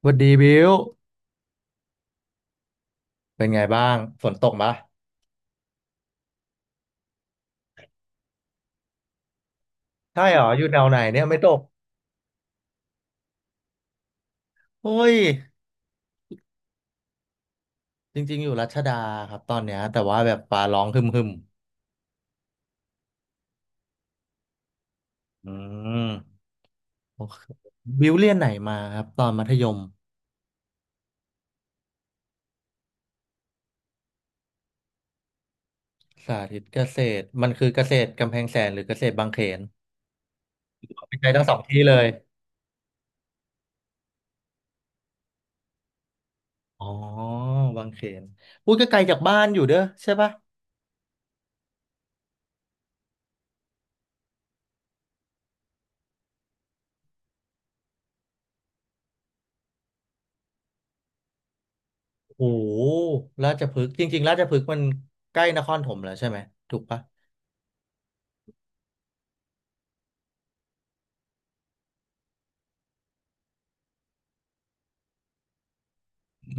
สวัสดีบิวเป็นไงบ้างฝนตกปะใช่เหรออยู่แนวไหนเนี่ยไม่ตกโอ้ยจริงๆอยู่รัชดาครับตอนเนี้ยแต่ว่าแบบฟ้าร้องหึมหึมอืมโอเคบิวเรียนไหนมาครับตอนมัธยมสาธิตเกษตรมันคือเกษตรกำแพงแสนหรือเกษตรบางเขนไม่ใช่ทั้งสองที่เลยอ๋อบางเขนอุ้ยก็ไกลจากบ้านอยู่เด้อใช่ปะโอ้โหราชพฤกษ์จริงๆราชพฤกษ์มันใกล้นครถมแล้วใช่ไหมถูกปะ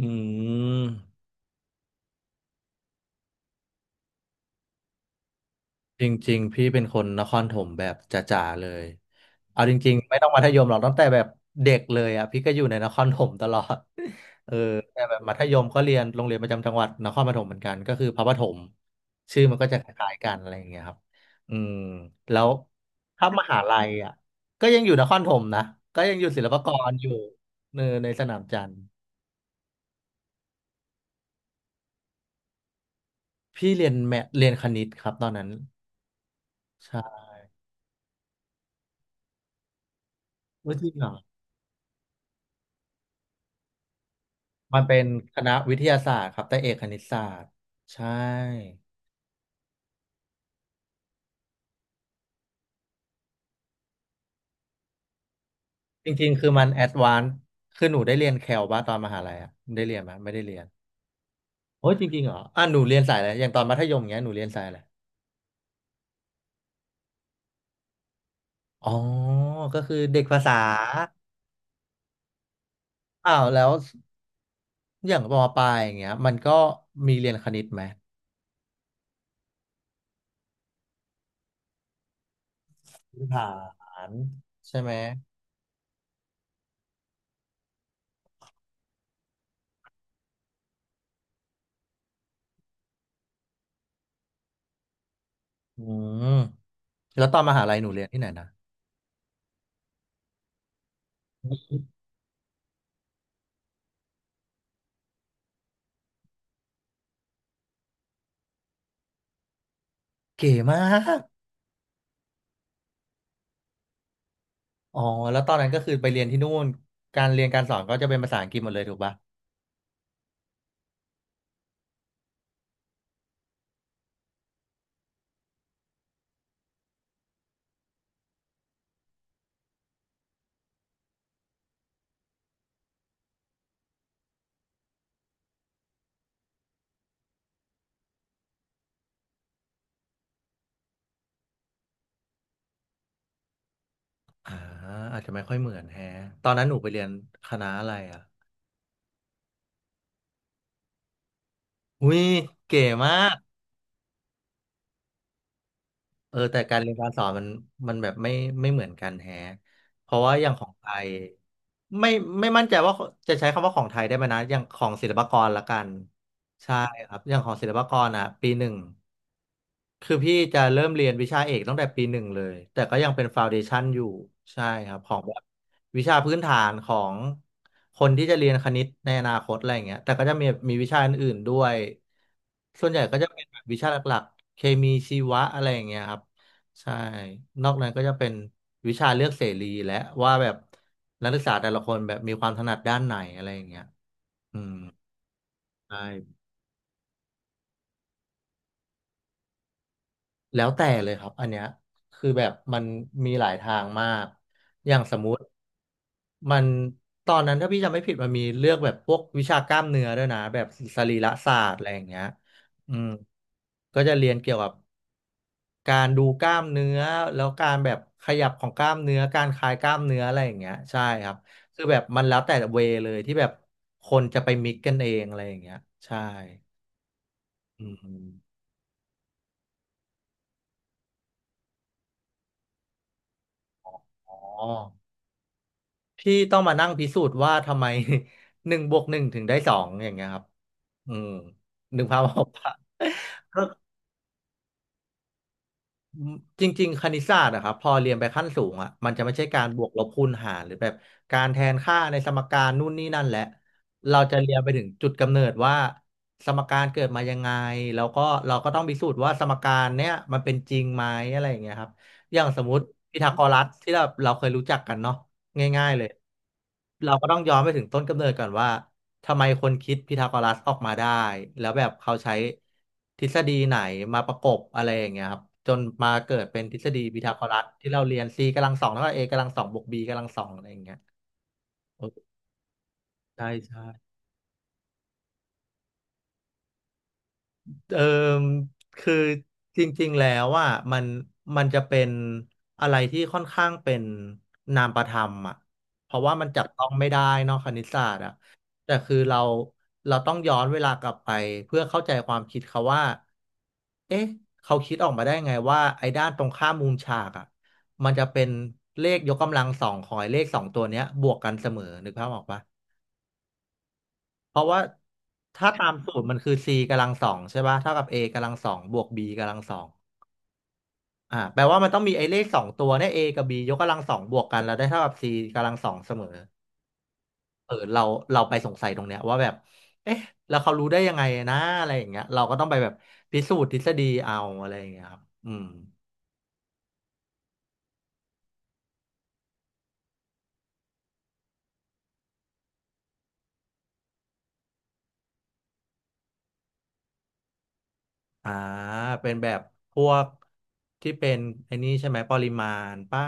อืม จริงๆพี่เป็นคนนครถมแบบจ๋าๆเลยเอาจริงๆไม่ต้องมัธยมหรอกตั้งแต่แบบเด็กเลยอ่ะพี่ก็อยู่ในนครถมตลอด เออแต่แบบมัธยมก็เรียนโรงเรียนประจำจังหวัดนครปฐมเหมือนกันก็คือพระปฐมชื่อมันก็จะคล้ายๆกันอะไรอย่างเงี้ยครับอืมแล้วถ้ามหาลัยอ่ะก็ยังอยู่นครถมนะก็ยังอยู่ศิลปากรอยู่เนอในสนามจันทร์พี่เรียนแมทเรียนคณิตครับตอนนั้นใช่อุ๊ยจริงเหรอ มันเป็นคณะวิทยาศาสตร์ครับแต่เอกคณิตศาสตร์ใช่จริงๆคือมันแอดวานซ์คือหนูได้เรียนแคลบ้าตอนมหาลัยอะได้เรียนไหมไม่ได้เรียนโอ้ยจริงๆเหรออ่ะหนูเรียนสายอะไรอย่างตอนมัธยมเงี้ยหนูเรียนสายอะไรอ๋อก็คือเด็กภาษาอ้าวแล้วอย่างมปลายอย่างเงี้ยมันก็มีเรียนคณิตไหมพื้นฐานใช่ไหมอืมแล้วตอนมหาลัยหนูเรียนที่ไหนนะเก๋มาก อ๋อแล้วตอนนั้นก็คือไปเรียนที่นู่นการเรียนการสอนก็จะเป็นภาษาอังกฤษหมดเลยถูกปะอ่าอาจจะไม่ค่อยเหมือนแฮะตอนนั้นหนูไปเรียนคณะอะไรอ่ะอุ้ยเก๋มากเออแต่การเรียนการสอนมันมันแบบไม่เหมือนกันแฮะเพราะว่าอย่างของไทยไม่ไม่มั่นใจว่าจะใช้คำว่าของไทยได้ไหมนะอย่างของศิลปากรละกันใช่ครับอย่างของศิลปากรอ่ะปีหนึ่ง คือพี่จะเริ่มเรียนวิชาเอกตั้งแต่ปีหนึ่งเลยแต่ก็ยังเป็นฟาวเดชั o นอยู่ใช่ครับของแบบวิชาพื้นฐานของคนที่จะเรียนคณิตในอนาคตอะไรอย่างเงี้ยแต่ก็จะมีวิชาอื่นๆด้วยส่วนใหญ่ก็จะเป็นแบบวิชาหลักๆเคมีชีวะอะไรอย่างเงี้ยครับใช่นอกนั้นก็จะเป็นวิชาเลือกเสรีและว่าแบบนักศึกษาแต่ละคนแบบมีความถนัดด้านไหนอะไรอย่างเงี้ยอืมใช่ แล้วแต่เลยครับอันเนี้ยคือแบบมันมีหลายทางมากอย่างสมมุติมันตอนนั้นถ้าพี่จำไม่ผิดมันมีเลือกแบบพวกวิชากล้ามเนื้อด้วยนะแบบสรีระศาสตร์อะไรอย่างเงี้ยอืมก็จะเรียนเกี่ยวกับการดูกล้ามเนื้อแล้วการแบบขยับของกล้ามเนื้อการคลายกล้ามเนื้ออะไรอย่างเงี้ยใช่ครับคือแบบมันแล้วแต่เวเลยที่แบบคนจะไปมิกกันเองอะไรอย่างเงี้ยใช่อืมอ๋อ ที่ต้องมานั่งพิสูจน์ว่าทำไม หนึ่งบวกหนึ่งถึงได้สองอย่างเงี้ยครับอืมนึกภาพออกปะ ก็ อืมจริงๆคณิตศาสตร์อะครับพอเรียนไปขั้นสูงอะมันจะไม่ใช่การบวกลบคูณหารหรือแบบการแทนค่าในสมการนู่นนี่นั่นแหละเราจะเรียนไปถึงจุดกำเนิดว่าสมการเกิดมายังไงแล้วก็เราก็ต้องพิสูจน์ว่าสมการเนี้ยมันเป็นจริงไหมอะไรอย่างเงี้ยครับอย่างสมมติพีทาโกรัสที่เราเคยรู้จักกันเนาะง่ายๆเลยเราก็ต้องย้อนไปถึงต้นกำเนิดก่อนว่า ทำไมคนคิดพีทาโกรัสออกมาได้แล้วแบบเขาใช้ทฤษฎีไหนมาประกบอะไรอย่างเงี้ยครับจนมาเกิดเป็นทฤษฎีพีทาโกรัสที่เราเรียน c กำลังสองเท่ากับ a กำลังสองบวก b กำลังสองอะไรอย่างเงี้ยโอ้ใช่ใช่ เออคือจริงๆแล้วว่ามันมันจะเป็นอะไรที่ค่อนข้างเป็นนามประธรรมอ่ะเพราะว่ามันจับต้องไม่ได้เนอกคณิตศาสตร์อ่ะแต่คือเราต้องย้อนเวลากลับไปเพื่อเข้าใจความคิดเขาว่าเอ๊ะเขาคิดออกมาได้ไงว่าไอ้ด้านตรงข้ามมุมฉากอ่ะมันจะเป็นเลขยกกำลังสองของไอ้เลขสองตัวเนี้ยบวกกันเสมอนึกภาพออกปะ เพราะว่าถ้าตามสูตรมันคือ c กำลังสองใช่ป่ะเท่ากับ a กำลังสองบวก b กำลังสองแปลว่ามันต้องมีไอ้เลขสองตัวเนี่ย a กับ b ยกกำลังสองบวกกันแล้วได้เท่ากับ c กำลังสองเสมอเออเราไปสงสัยตรงเนี้ยว่าแบบเอ๊ะแล้วเขารู้ได้ยังไงนะอะไรอย่างเงี้ยเราก็ต้องไปแบบพิสูจน์ทฤษฎีเอาอะไรอย่างเงี้ยครับอืมอ่าเป็นแบบพวกที่เป็นไอ้นี่ใช่ไหมปริมาณป่ะ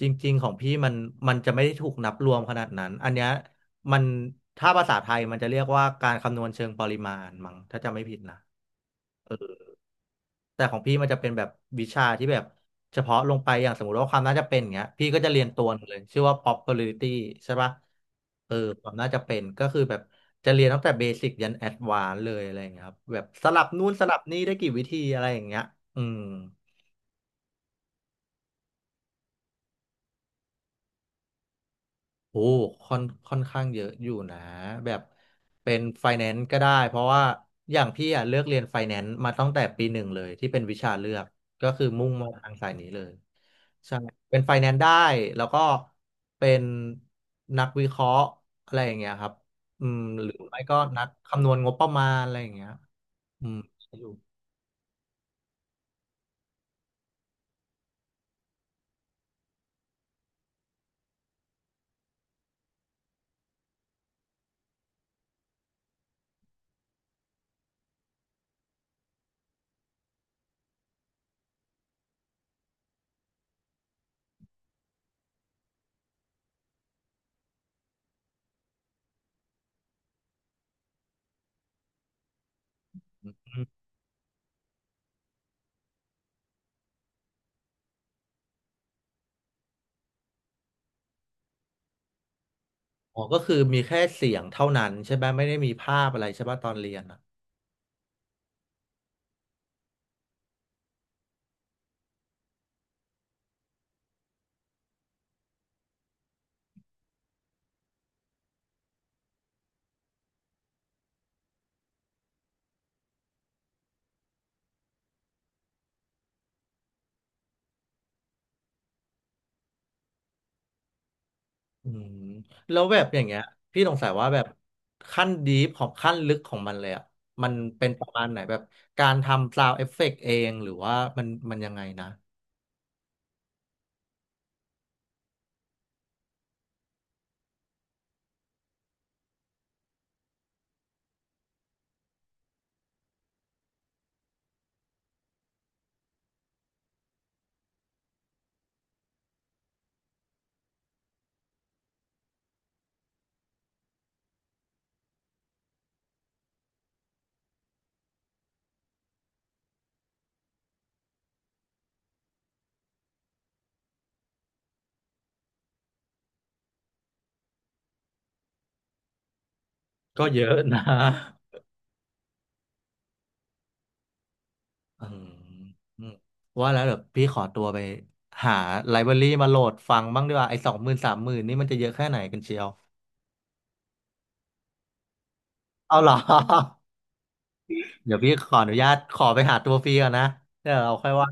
จริงๆของพี่มันจะไม่ได้ถูกนับรวมขนาดนั้นอันเนี้ยมันถ้าภาษาไทยมันจะเรียกว่าการคำนวณเชิงปริมาณมั้งถ้าจำไม่ผิดนะแต่ของพี่มันจะเป็นแบบวิชาที่แบบเฉพาะลงไปอย่างสมมติว่าความน่าจะเป็นอย่างเงี้ยพี่ก็จะเรียนตัวหนึงเลยชื่อว่า probability ใช่ปะเออความน่าจะเป็นก็คือแบบจะเรียนตั้งแต่เบสิกยันแอดวานซ์เลยอะไรอย่างเงี้ยครับแบบสลับนู่นสลับนี่ได้กี่วิธีอะไรอย่างเงี้ยอืม โอ้ค่อนข้างเยอะอยู่นะแบบเป็นไฟแนนซ์ก็ได้เพราะว่าอย่างพี่อ่ะเลือกเรียนไฟแนนซ์มาตั้งแต่ปีหนึ่งเลยที่เป็นวิชาเลือกก็คือมุ่งมาทางสายนี้เลยใช่เป็นไฟแนนซ์ได้แล้วก็เป็นนักวิเคราะห์อะไรอย่างเงี้ยครับอืมหรือไม่ก็นักคำนวณงบประมาณอะไรอย่างเงี้ยอืมอยู่อืมอ๋อก็คือมีแค่เสียงเท่านั้นใช่ไหมไม่ได้มีภาพอะไรใช่ป่ะตอนเรียนอะ อืมแล้วแบบอย่างเงี้ยพี่สงสัยว่าแบบขั้นดีฟของขั้นลึกของมันเลยอ่ะมันเป็นประมาณไหนแบบการทำ s าว n d เอฟเฟกต์เองหรือว่ามันยังไงนะก็เยอะนะ อืมอืมว่าแล้วเดี๋ยวพี่ขอตัวไปหาไลบรารีมาโหลดฟังบ้างดีกว่าไอ้20,000 30,000นี่มันจะเยอะแค่ไหนกันเชียวเอาเหรอ เดี๋ยวพี่ขออนุญาตขอไปหาตัวฟรีก่อนนะเดี๋ยวเราค่อยว่า